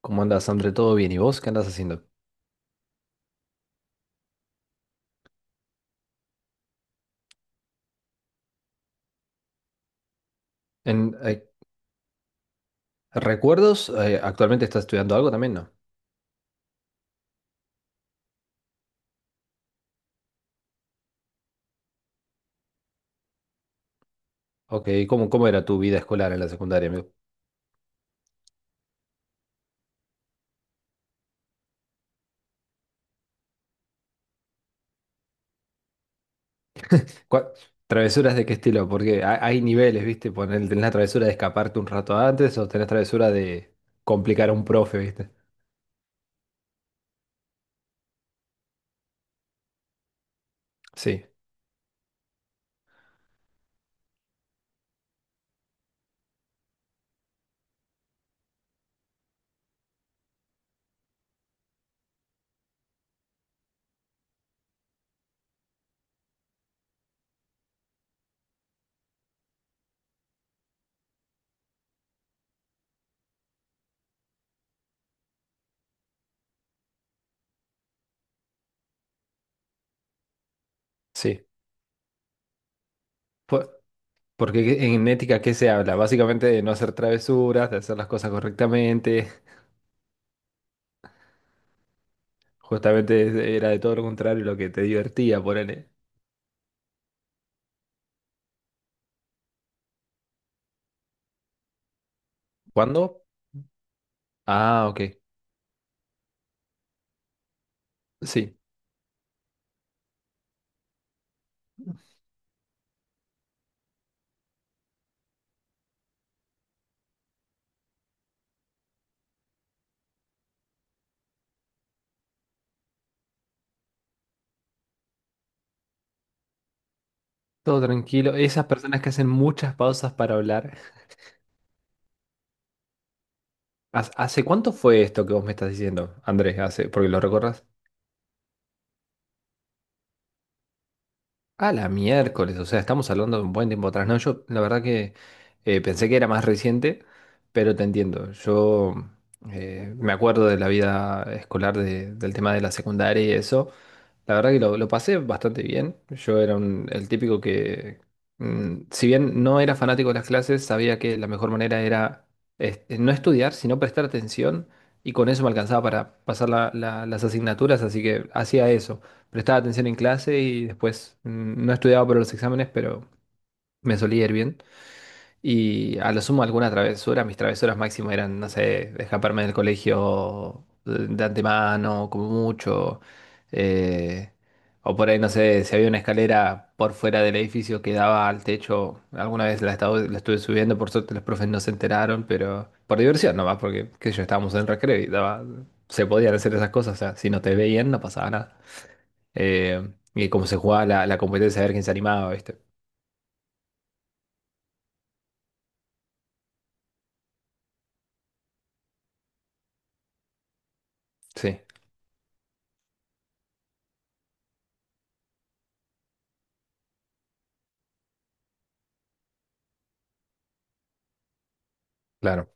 ¿Cómo andas, André? ¿Todo bien? ¿Y vos qué andas haciendo? En, eh, ¿Recuerdos? ¿Actualmente estás estudiando algo también? No. Ok, ¿cómo era tu vida escolar en la secundaria, amigo? ¿Cuál- ¿Travesuras de qué estilo? Porque hay niveles, ¿viste? Tenés la travesura de escaparte un rato antes o tenés travesura de complicar a un profe, ¿viste? Sí, sí. Por- Porque en ética, ¿qué se habla? Básicamente de no hacer travesuras, de hacer las cosas correctamente. Justamente era de todo lo contrario lo que te divertía, ponele. ¿Cuándo? Ah, ok. Sí. Todo tranquilo. Esas personas que hacen muchas pausas para hablar. ¿Hace cuánto fue esto que vos me estás diciendo, Andrés? Hace, porque lo recuerdas. A la miércoles, o sea, estamos hablando de un buen tiempo atrás. No, yo la verdad que pensé que era más reciente, pero te entiendo. Yo me acuerdo de la vida escolar, del tema de la secundaria y eso. La verdad que lo pasé bastante bien. Yo era el típico que, si bien no era fanático de las clases, sabía que la mejor manera era no estudiar, sino prestar atención, y con eso me alcanzaba para pasar las asignaturas, así que hacía eso, prestaba atención en clase y después no estudiaba para los exámenes, pero me solía ir bien. Y a lo sumo alguna travesura, mis travesuras máximo eran, no sé, escaparme del colegio de antemano, como mucho. eh, o por ahí, no sé, si había una escalera por fuera del edificio que daba al techo, alguna vez la estuve subiendo, por suerte los profes no se enteraron, pero por diversión nomás, porque qué sé yo, estábamos en recreo y daba, se podían hacer esas cosas, o sea, si no te veían no pasaba nada. Y cómo se jugaba la competencia, a ver quién se animaba, ¿viste? Sí. Claro.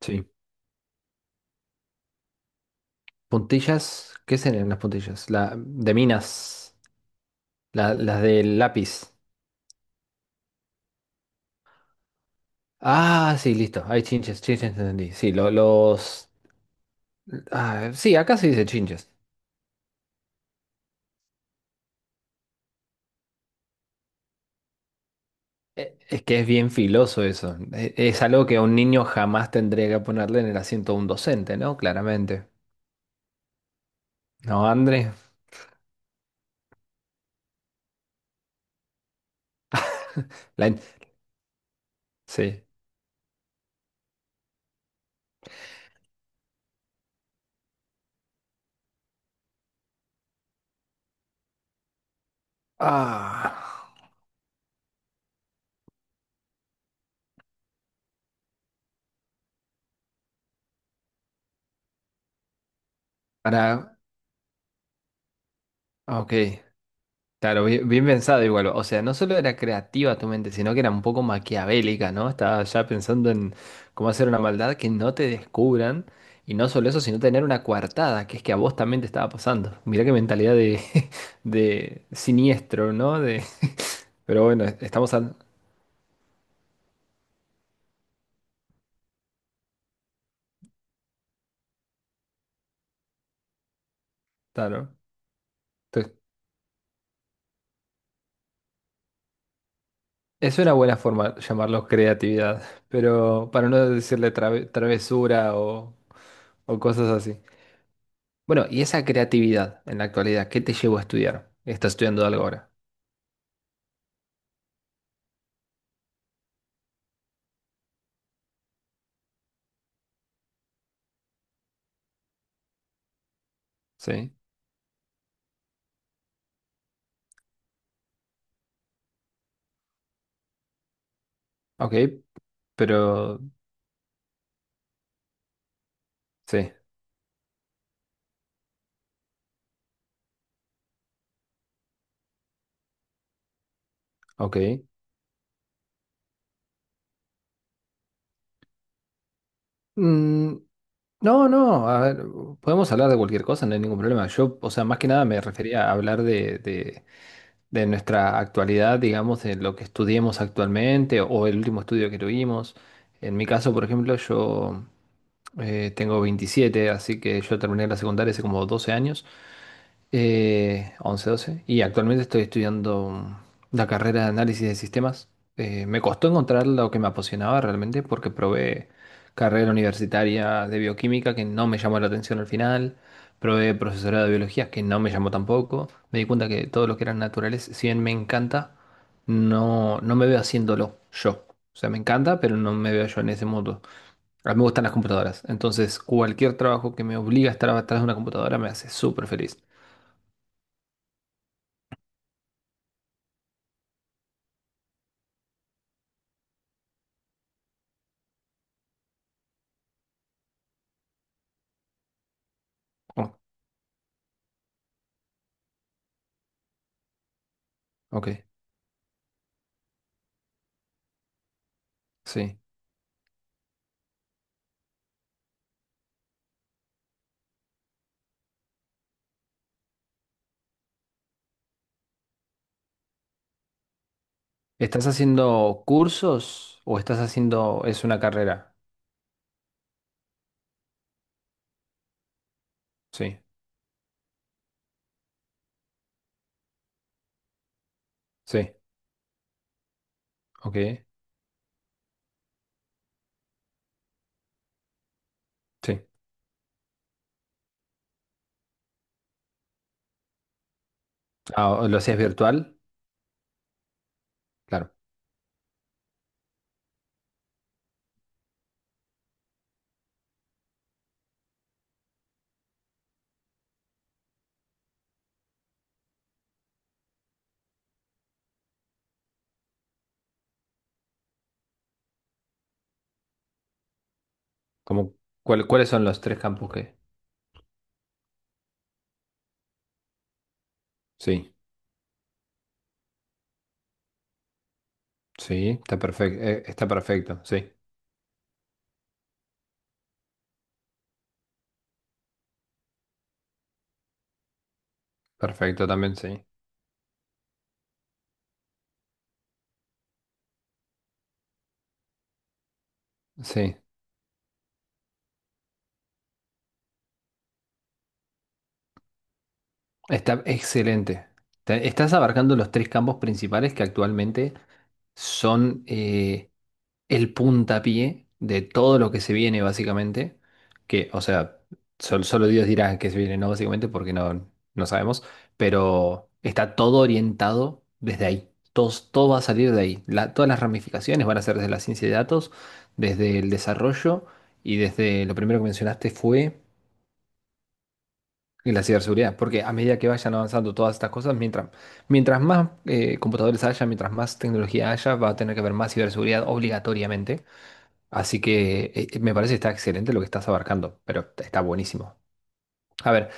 Sí. Puntillas, ¿qué serían las puntillas? La, de minas, las del lápiz. Ah, sí, listo. Hay chinches, chinches, entendí. Sí, ah, sí, acá se dice chinches. Es que es bien filoso eso. Es algo que a un niño jamás tendría que ponerle en el asiento de un docente, ¿no? Claramente. ¿No, André? La in- Sí. Ah, para... Ok. Claro, bien, bien pensado igual. O sea, no solo era creativa tu mente, sino que era un poco maquiavélica, ¿no? Estaba ya pensando en cómo hacer una maldad que no te descubran. Y no solo eso, sino tener una coartada, que es que a vos también te estaba pasando. Mirá qué mentalidad de, de siniestro, ¿no? De, pero bueno, estamos al. Claro. Entonces, es una buena forma de llamarlo creatividad, pero para no decirle travesura o cosas así. Bueno, y esa creatividad en la actualidad, ¿qué te llevó a estudiar? Estás estudiando algo ahora. Sí, ok, pero sí, ok. Mm, no, no, a ver, podemos hablar de cualquier cosa, no hay ningún problema. Yo, o sea, más que nada me refería a hablar de, nuestra actualidad, digamos, de lo que estudiemos actualmente o el último estudio que tuvimos. En mi caso, por ejemplo, yo tengo 27, así que yo terminé la secundaria hace como 12 años. 11, 12, y actualmente estoy estudiando la carrera de análisis de sistemas. Me costó encontrar lo que me apasionaba realmente porque probé carrera universitaria de bioquímica que no me llamó la atención al final, probé profesorado de biología que no me llamó tampoco, me di cuenta que todo lo que eran naturales, si bien me encanta, no, no me veo haciéndolo yo. O sea, me encanta, pero no me veo yo en ese mundo. A mí me gustan las computadoras, entonces cualquier trabajo que me obliga a estar atrás de una computadora me hace súper feliz. Ok, sí. ¿Estás haciendo cursos o estás haciendo, es una carrera? Sí, sí, ok, sí. Ah, ¿o ¿lo hacías virtual? Claro. Como, ¿Cuáles son los tres campos que? Sí, sí, está perfecto, sí. Perfecto también, sí. Sí, está excelente. Estás abarcando los tres campos principales que actualmente son el puntapié de todo lo que se viene, básicamente. Que, o sea, solo Dios dirá que se viene, no, básicamente, porque no, no sabemos. Pero está todo orientado desde ahí. Todo, todo va a salir de ahí. Todas las ramificaciones van a ser desde la ciencia de datos, desde el desarrollo y desde lo primero que mencionaste fue la ciberseguridad. Porque a medida que vayan avanzando todas estas cosas, mientras más computadores haya, mientras más tecnología haya, va a tener que haber más ciberseguridad obligatoriamente. Así que me parece que está excelente lo que estás abarcando, pero está buenísimo. A ver,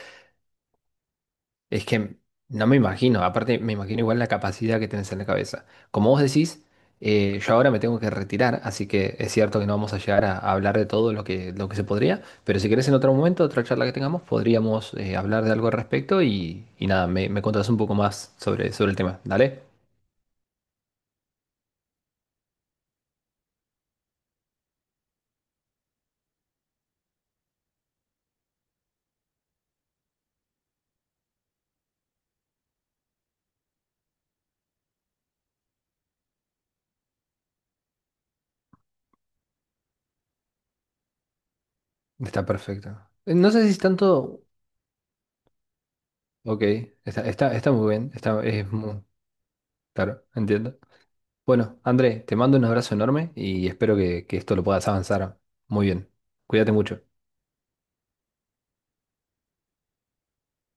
es que no me imagino, aparte me imagino igual la capacidad que tenés en la cabeza. Como vos decís, yo ahora me tengo que retirar, así que es cierto que no vamos a llegar a hablar de todo lo que se podría, pero si querés en otro momento, otra charla que tengamos, podríamos hablar de algo al respecto y nada, me contás un poco más sobre el tema. Dale, está perfecto. No sé si es tanto. Ok, está muy bien, es muy. Claro, entiendo. Bueno, André, te mando un abrazo enorme y espero que esto lo puedas avanzar muy bien. Cuídate mucho.